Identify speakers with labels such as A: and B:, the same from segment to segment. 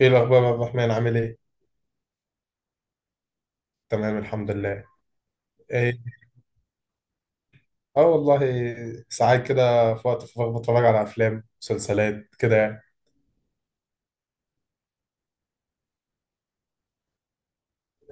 A: ايه الاخبار يا عبد الرحمن، عامل ايه؟ تمام، الحمد لله. ايه. اه والله، ساعات كده في وقت الفراغ بتفرج على افلام مسلسلات كده يعني.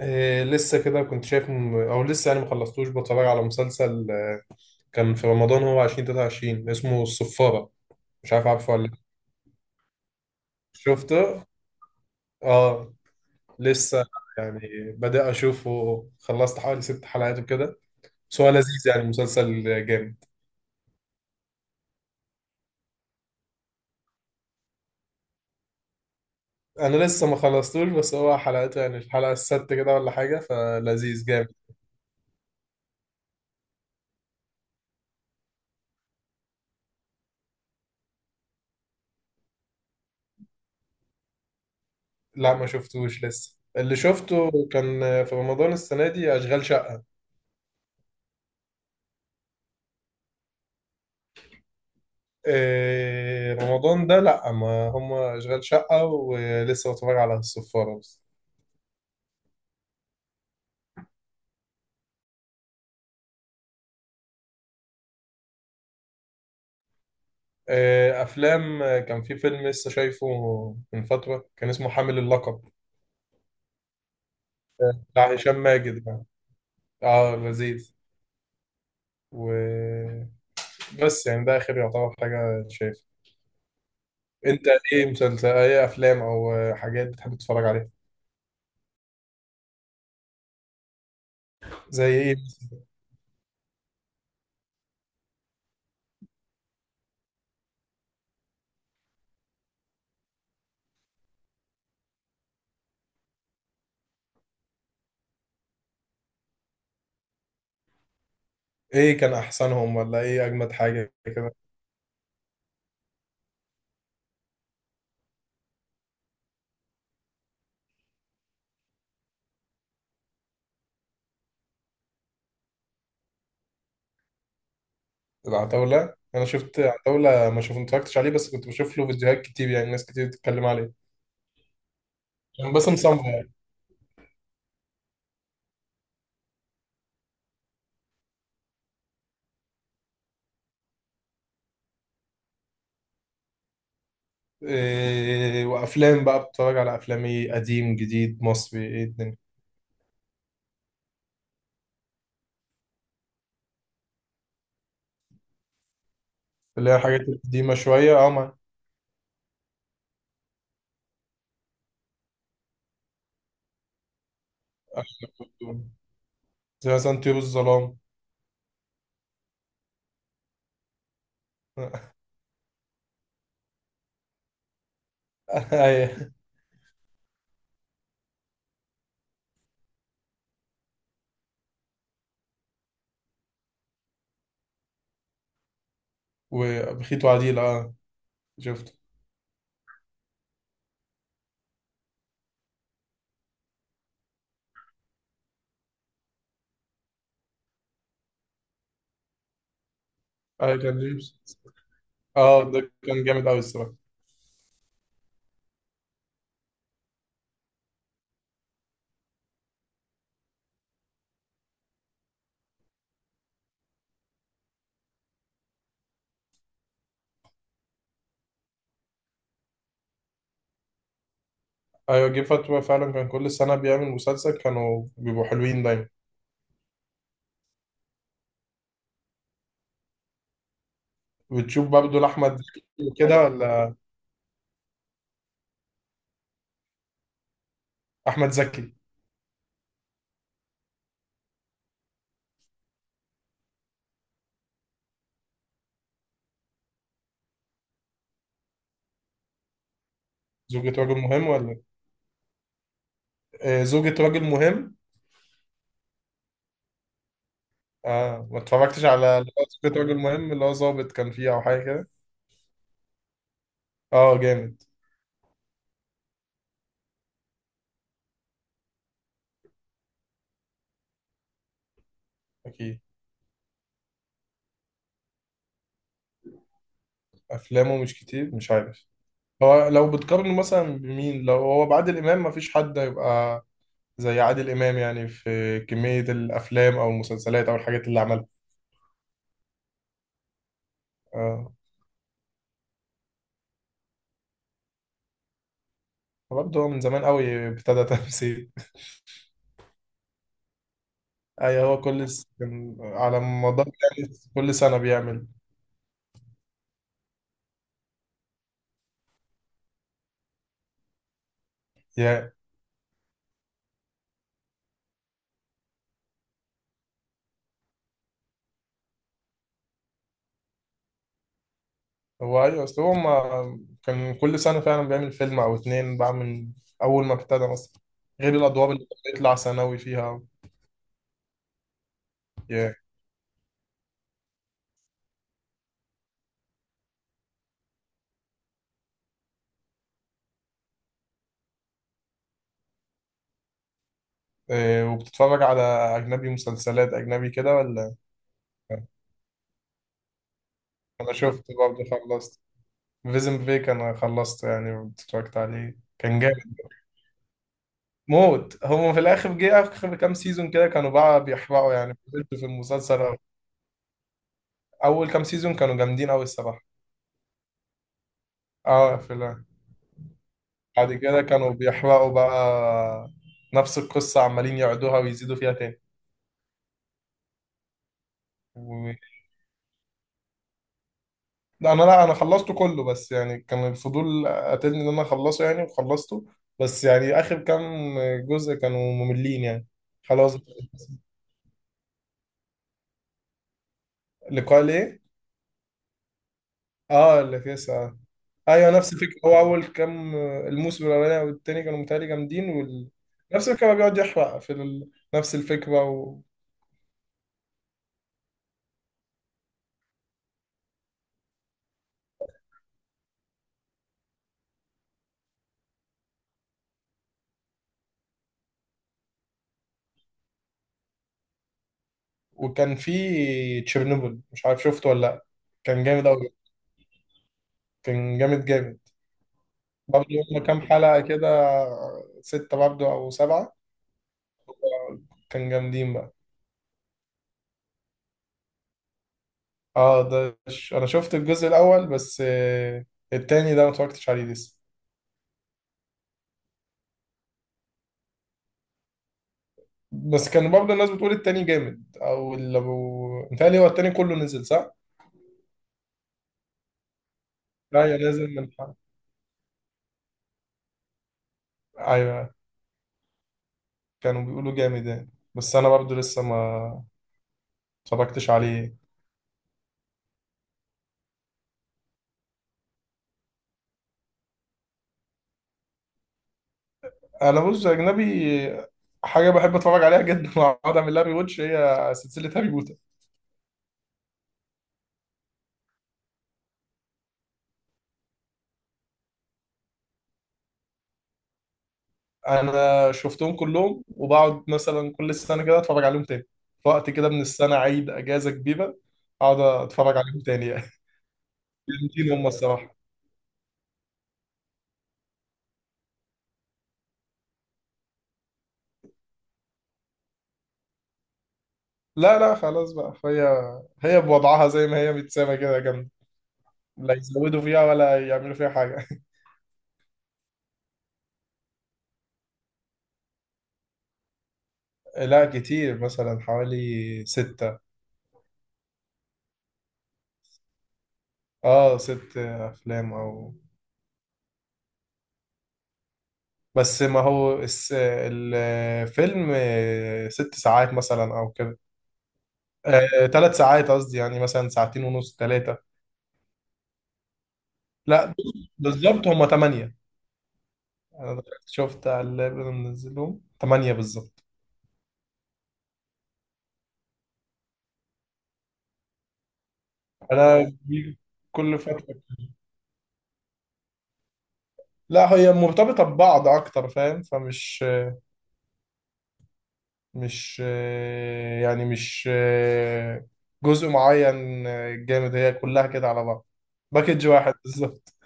A: إيه، لسه كده كنت شايف او لسه يعني ما خلصتوش. بتفرج على مسلسل، كان في رمضان، هو 2023، اسمه الصفارة. مش عارف، عارفه ولا لأ؟ شفته. اه لسه يعني، بدأ اشوفه، خلصت حوالي ست حلقات وكده. بس هو لذيذ يعني، مسلسل جامد. انا لسه ما خلصتوش، بس هو حلقته يعني الحلقه السادسه كده ولا حاجه، فلذيذ جامد. لا ما شفتوش لسه، اللي شفته كان في رمضان السنه دي اشغال شقه. إيه رمضان ده، لا، ما هم اشغال شقه، ولسه بتفرج على الصفاره بس. إيه، افلام، كان في فيلم لسه شايفه من فتره، كان اسمه حامل اللقب، بتاع هشام ماجد يعني. اه لذيذ. وبس، يعني ده اخر يعتبر حاجه شايفها. انت ايه؟ مسلسل ايه، افلام او حاجات بتحب تتفرج عليها؟ زي ايه؟ ايه كان احسنهم ولا ايه اجمد حاجه كده؟ العتاوله، انا شفت عتاوله، ما شوف اتفرجتش عليه، بس كنت بشوف له فيديوهات كتير، يعني ناس كتير بتتكلم عليه. كان باسم سمرة يعني. إيه، وافلام بقى، بتتفرج على افلام ايه، قديم جديد مصري، ايه الدنيا؟ اللي هي الحاجات القديمه شويه، اه ما. زي مثلا طيور الظلام. ايوه. وبخيت وعديل، اه شفته. ايوه كان جيمس. اه ده كان جامد قوي الصراحه. ايوه جه فترة فعلا، كان كل سنة بيعمل مسلسل، كانوا بيبقوا حلوين دايما. بتشوف برضه لأحمد زكي وكده، ولا؟ أحمد زكي. زوجة رجل مهم ولا؟ آه زوجة رجل مهم. اه، ما اتفرجتش على اللي هو زوجة رجل مهم، اللي هو ظابط كان فيه أو حاجة كده. اه جامد. أكيد. أفلامه مش كتير مش عارف. هو لو بتقارنه مثلا بمين، لو هو بعادل إمام، مفيش حد هيبقى زي عادل إمام يعني في كمية الأفلام أو المسلسلات أو الحاجات اللي عملها. اه. برضه هو من زمان قوي ابتدى تمثيل. ايوه هو كل كان على مدار، يعني كل سنة بيعمل. يا. هو ايوه، اصل هو ما كان كل سنة فعلا بيعمل فيلم او اتنين بقى من اول ما ابتدى مثلا، غير الادوار اللي بيطلع ثانوي فيها. يا. إيه، وبتتفرج على اجنبي، مسلسلات اجنبي كده ولا؟ انا شفت برضه، خلصت فيزن بريك، انا خلصت يعني، اتفرجت عليه كان جامد. موت هم في الاخر، جه اخر كام سيزون كده كانوا بقى بيحرقوا يعني في المسلسل. اول كام سيزون كانوا جامدين قوي الصراحة. اه قافلة. بعد كده كانوا بيحرقوا بقى، نفس القصة عمالين يعيدوها ويزيدوا فيها تاني. و... لا انا، خلصته كله، بس يعني كان الفضول قاتلني ان انا اخلصه يعني وخلصته. بس يعني اخر كام جزء كانوا مملين يعني. خلاص. لقاء ليه؟ اه اللي فيه ساعة. ايوه نفس الفكرة. هو اول كام الموسم الاولاني والتاني كانوا متهيألي جامدين، نفس الفكرة بقى، بيقعد يحرق في نفس الفكرة. وكان في تشيرنوبل، مش عارف شفته ولا لا. كان جامد أوي. كان جامد جامد. برضه هما كام حلقة كده، ستة برضه أو سبعة. كان جامدين بقى. اه ده أنا شفت الجزء الأول بس، التاني ده ما اتفرجتش عليه لسه. بس كان برضه الناس بتقول التاني جامد، أو اللي أبو متهيألي هو التاني كله نزل، صح؟ أيوة نازل من حلقة. أيوة كانوا بيقولوا جامد يعني. بس أنا برضه لسه ما اتفرجتش عليه. انا بص، اجنبي، حاجه بحب اتفرج عليها جدا واقعد اعمل لها ريواتش، هي سلسله هاري بوتر. انا شفتهم كلهم، وبقعد مثلا كل سنه كده اتفرج عليهم تاني، في وقت كده من السنه، عيد اجازه كبيره، اقعد اتفرج عليهم تاني يعني. جامدين هم الصراحه. لا لا خلاص بقى، فهي هي بوضعها زي ما هي متسامه كده جامده، لا يزودوا فيها ولا يعملوا فيها حاجه. لا كتير، مثلا حوالي ستة. اه ست افلام او، بس ما هو الفيلم 6 ساعات مثلا او كده، 3 ساعات قصدي، يعني مثلا ساعتين ونص تلاتة. لا بالظبط هما تمانية. انا دخلت شفت على اللاب اللي منزلهم تمانية بالظبط. انا بيجي كل فترة. لا هي مرتبطة ببعض اكتر، فاهم، فمش مش يعني مش جزء معين جامد، هي كلها كده على بعض، باكج واحد بالظبط.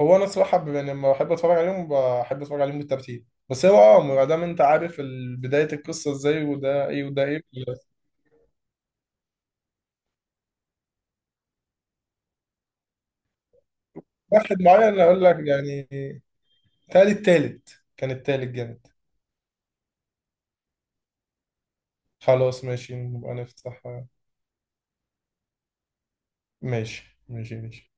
A: هو انا الصراحه، يعني لما بحب اتفرج عليهم، بحب اتفرج عليهم بالترتيب، بس هو اه، ما دام انت عارف بدايه القصه ازاي، وده ايه وده ايه. واحد معين اقول لك يعني، تالي التالت، كان التالت جامد. خلاص ماشي، نبقى نفتح. ماشي ماشي ماشي.